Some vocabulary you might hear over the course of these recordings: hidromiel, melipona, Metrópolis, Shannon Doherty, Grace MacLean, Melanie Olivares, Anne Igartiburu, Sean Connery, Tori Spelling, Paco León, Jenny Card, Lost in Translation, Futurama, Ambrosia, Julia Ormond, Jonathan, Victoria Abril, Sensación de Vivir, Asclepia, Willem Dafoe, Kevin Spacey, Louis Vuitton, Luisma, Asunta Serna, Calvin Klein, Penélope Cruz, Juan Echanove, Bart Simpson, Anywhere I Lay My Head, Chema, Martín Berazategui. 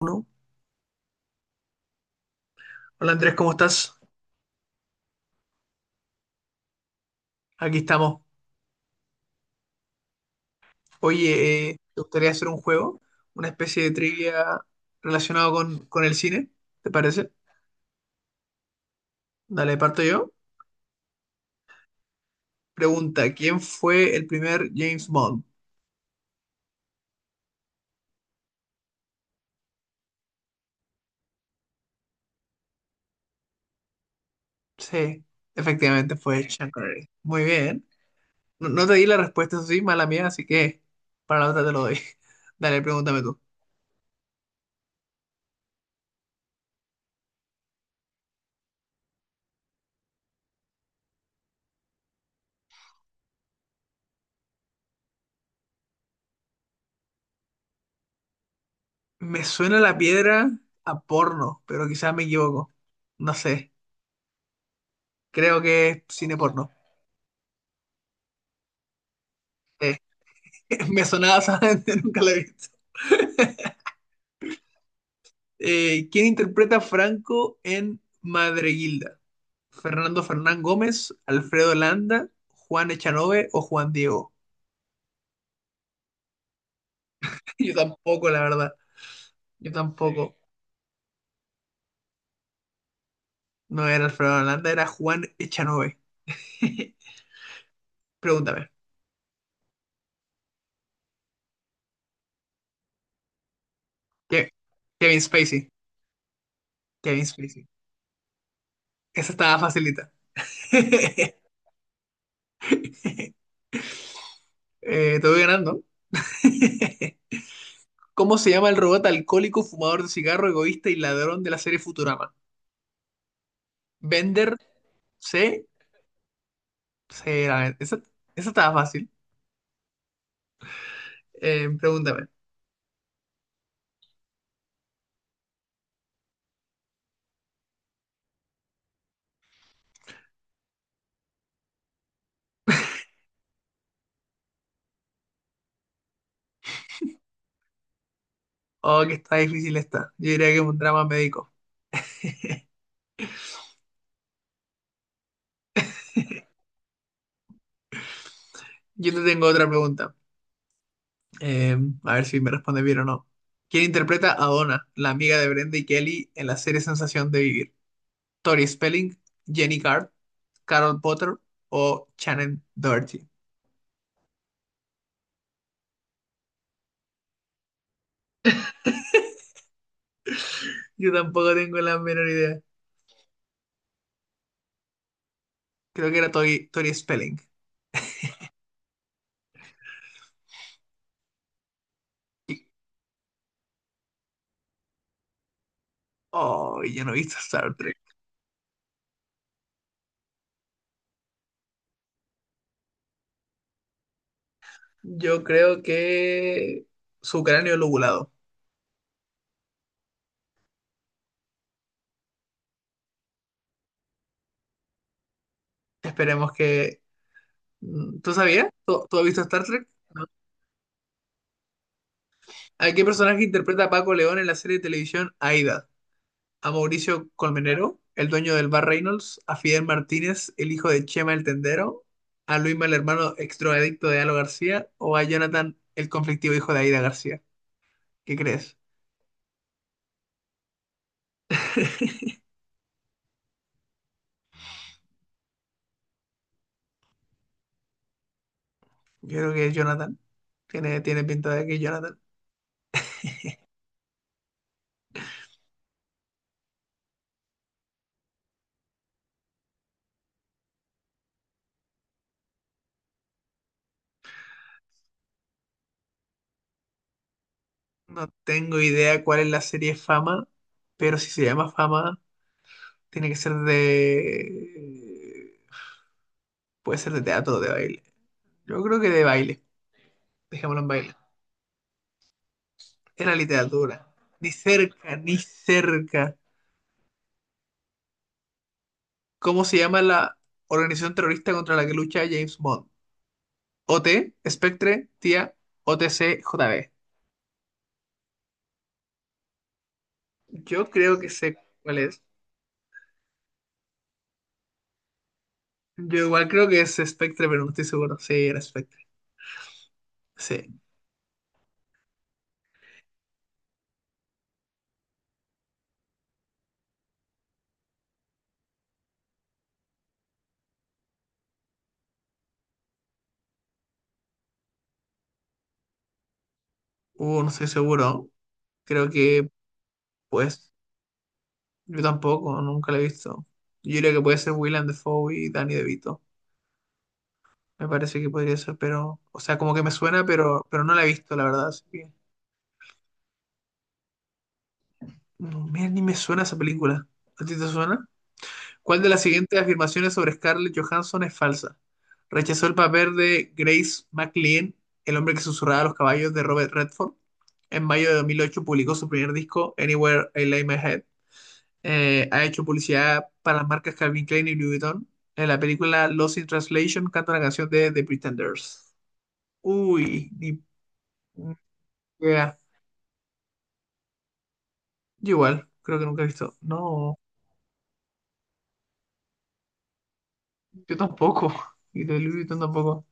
Uno. Hola Andrés, ¿cómo estás? Aquí estamos. Oye, ¿te gustaría hacer un juego? Una especie de trivia relacionado con el cine, ¿te parece? Dale, parto yo. Pregunta, ¿quién fue el primer James Bond? Sí, efectivamente fue Sean Connery. Muy bien. No, no te di la respuesta, eso sí, mala mía, así que para la otra te lo doy. Dale, pregúntame tú. Me suena la piedra a porno, pero quizás me equivoco. No sé, creo que es cine porno. Sí. Me sonaba, ¿sabes? Nunca la he visto. ¿Quién interpreta a Franco en Madreguilda? ¿Fernando Fernán Gómez, Alfredo Landa, Juan Echanove o Juan Diego? Yo tampoco, la verdad. Yo tampoco. No era Alfredo Landa, era Juan Echanove. Pregúntame. Ke- Kevin Spacey. Kevin Spacey. Esa estaba facilita. Te voy ganando. ¿Cómo se llama el robot alcohólico, fumador de cigarro, egoísta y ladrón de la serie Futurama? ¿Bender, sí, sí, la verdad, esa estaba fácil. Pregúntame. Oh, que está difícil esta. Yo diría que es un drama médico. Yo te tengo otra pregunta. Eh, a ver si me respondes bien o no. ¿Quién interpreta a Donna, la amiga de Brenda y Kelly en la serie Sensación de Vivir? ¿Tori Spelling, Jenny Card, Carol Potter o Shannon Doherty? Yo tampoco tengo la menor idea. Creo que era Tori Spelling. Y- Oh, yo no he visto Star Trek. Yo creo que su cráneo lobulado. Esperemos que... ¿Tú sabías? ¿Tú has visto Star Trek? No. ¿A qué personaje interpreta Paco León en la serie de televisión Aída? ¿A Mauricio Colmenero, el dueño del bar Reynolds? ¿A Fidel Martínez, el hijo de Chema el Tendero? ¿A Luisma, el hermano extroadicto de Alo García? ¿O a Jonathan, el conflictivo hijo de Aída García? ¿Qué crees? Yo creo que es Jonathan. Tiene pinta de que es Jonathan. No tengo idea cuál es la serie Fama, pero si se llama Fama, tiene que ser de... Puede ser de teatro o de baile. Yo creo que de baile. Dejémoslo en baile. Era literatura. Ni cerca, ni cerca. ¿Cómo se llama la organización terrorista contra la que lucha James Bond? O T Spectre, TIA, O T C, J JB. Yo creo que sé cuál es. Yo igual creo que es Spectre, pero no estoy seguro. Sí, era Spectre. Sí. No estoy seguro. Creo que, pues, yo tampoco, nunca lo he visto. Yo creo que puede ser Willem Dafoe y Danny DeVito. Me parece que podría ser, pero, o sea, como que me suena, pero no la he visto, la verdad. Así que, no, mira, ni me suena esa película. ¿A ti te suena? ¿Cuál de las siguientes afirmaciones sobre Scarlett Johansson es falsa? Rechazó el papel de Grace MacLean, el hombre que susurraba a los caballos de Robert Redford. En mayo de 2008 publicó su primer disco, Anywhere I Lay My Head. Ha hecho publicidad para las marcas Calvin Klein y Louis Vuitton. En la película Lost in Translation canta una canción de The Pretenders. Uy, ni idea. Yo igual, creo que nunca he visto. No, yo tampoco. Y de Louis Vuitton tampoco.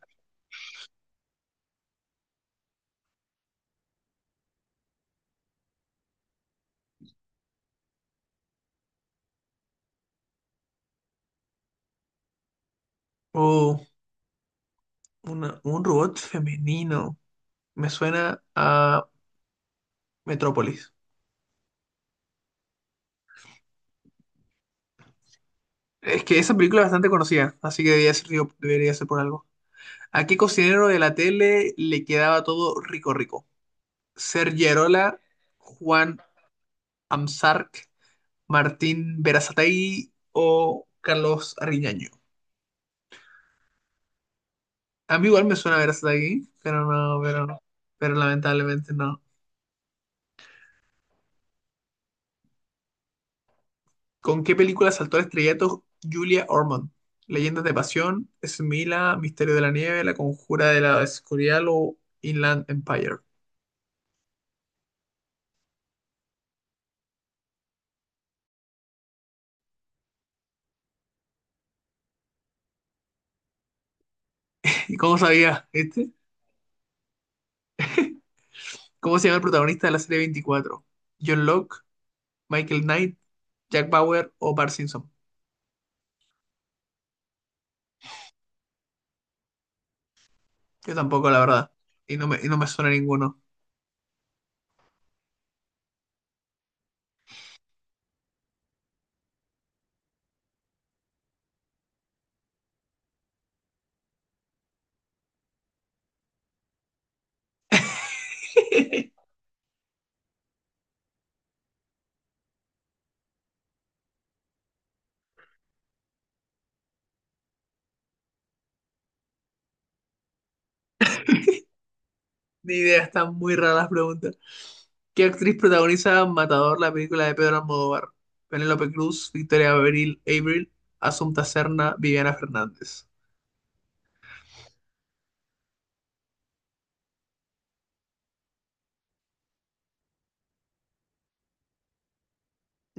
Oh, un robot femenino. Me suena a Metrópolis. Es que esa película es bastante conocida, así que debería ser, digo, debería ser por algo. ¿A qué cocinero de la tele le quedaba todo rico rico? Sergio Arola, Juan Amsarc, Martín Berazategui o Carlos Arriñaño. A mí igual me suena Berazategui, pero no. Pero lamentablemente no. ¿Con qué película saltó al estrellato Julia Ormond? ¿Leyendas de Pasión, Smila, Misterio de la Nieve, La Conjura de la Escorial o Inland Empire? ¿Y cómo sabía este? ¿Cómo se llama el protagonista de la serie 24? ¿John Locke, Michael Knight, Jack Bauer o Bart Simpson? Yo tampoco, la verdad. Y no me suena ninguno. Ni idea, están muy raras las preguntas. ¿Qué actriz protagoniza Matador, la película de Pedro Almodóvar? Penélope Cruz, Abril, Asunta Serna, Viviana Fernández.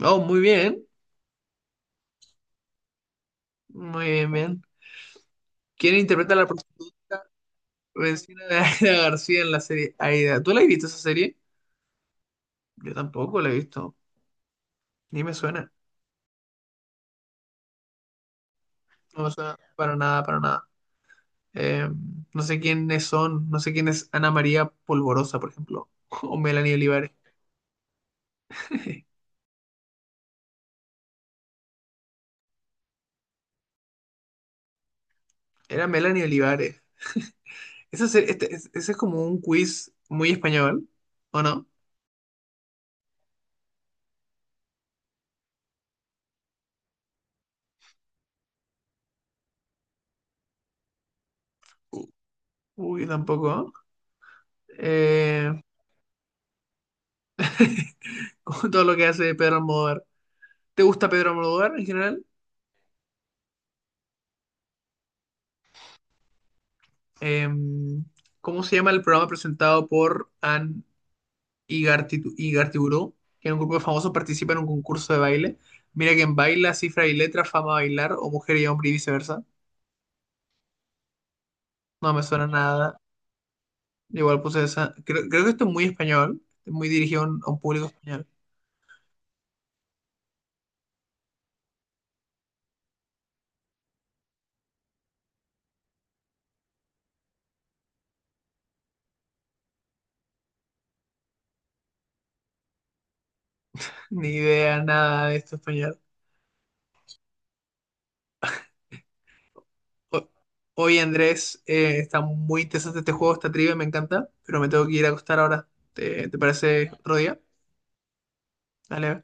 Oh, muy bien. Muy bien, bien. ¿Quién interpreta a la prostituta vecina de Aida García en la serie Aida? ¿Tú la has visto esa serie? Yo tampoco la he visto. Ni me suena. No me suena para nada. Eh, no sé quiénes son. No sé quién es Ana María Polvorosa, por ejemplo. O Melanie Olivares. Era Melanie Olivares. Ese es como un quiz muy español, ¿o no? U- Uy, tampoco. Eh, con todo lo que hace Pedro Almodóvar. ¿Te gusta Pedro Almodóvar en general? Eh, ¿Cómo se llama el programa presentado por Anne Igartiburu? Que en un grupo de famosos participa en un concurso de baile. Mira que en baila, cifra y letra, fama bailar, o mujer y hombre y viceversa. No me suena nada. Igual puse esa. Creo que esto es muy español, muy dirigido a un público español. Ni idea, nada de esto español. O- Oye, Andrés, está muy interesante este juego, esta trivia, me encanta, pero me tengo que ir a acostar ahora. ¿Te parece otro día? Dale.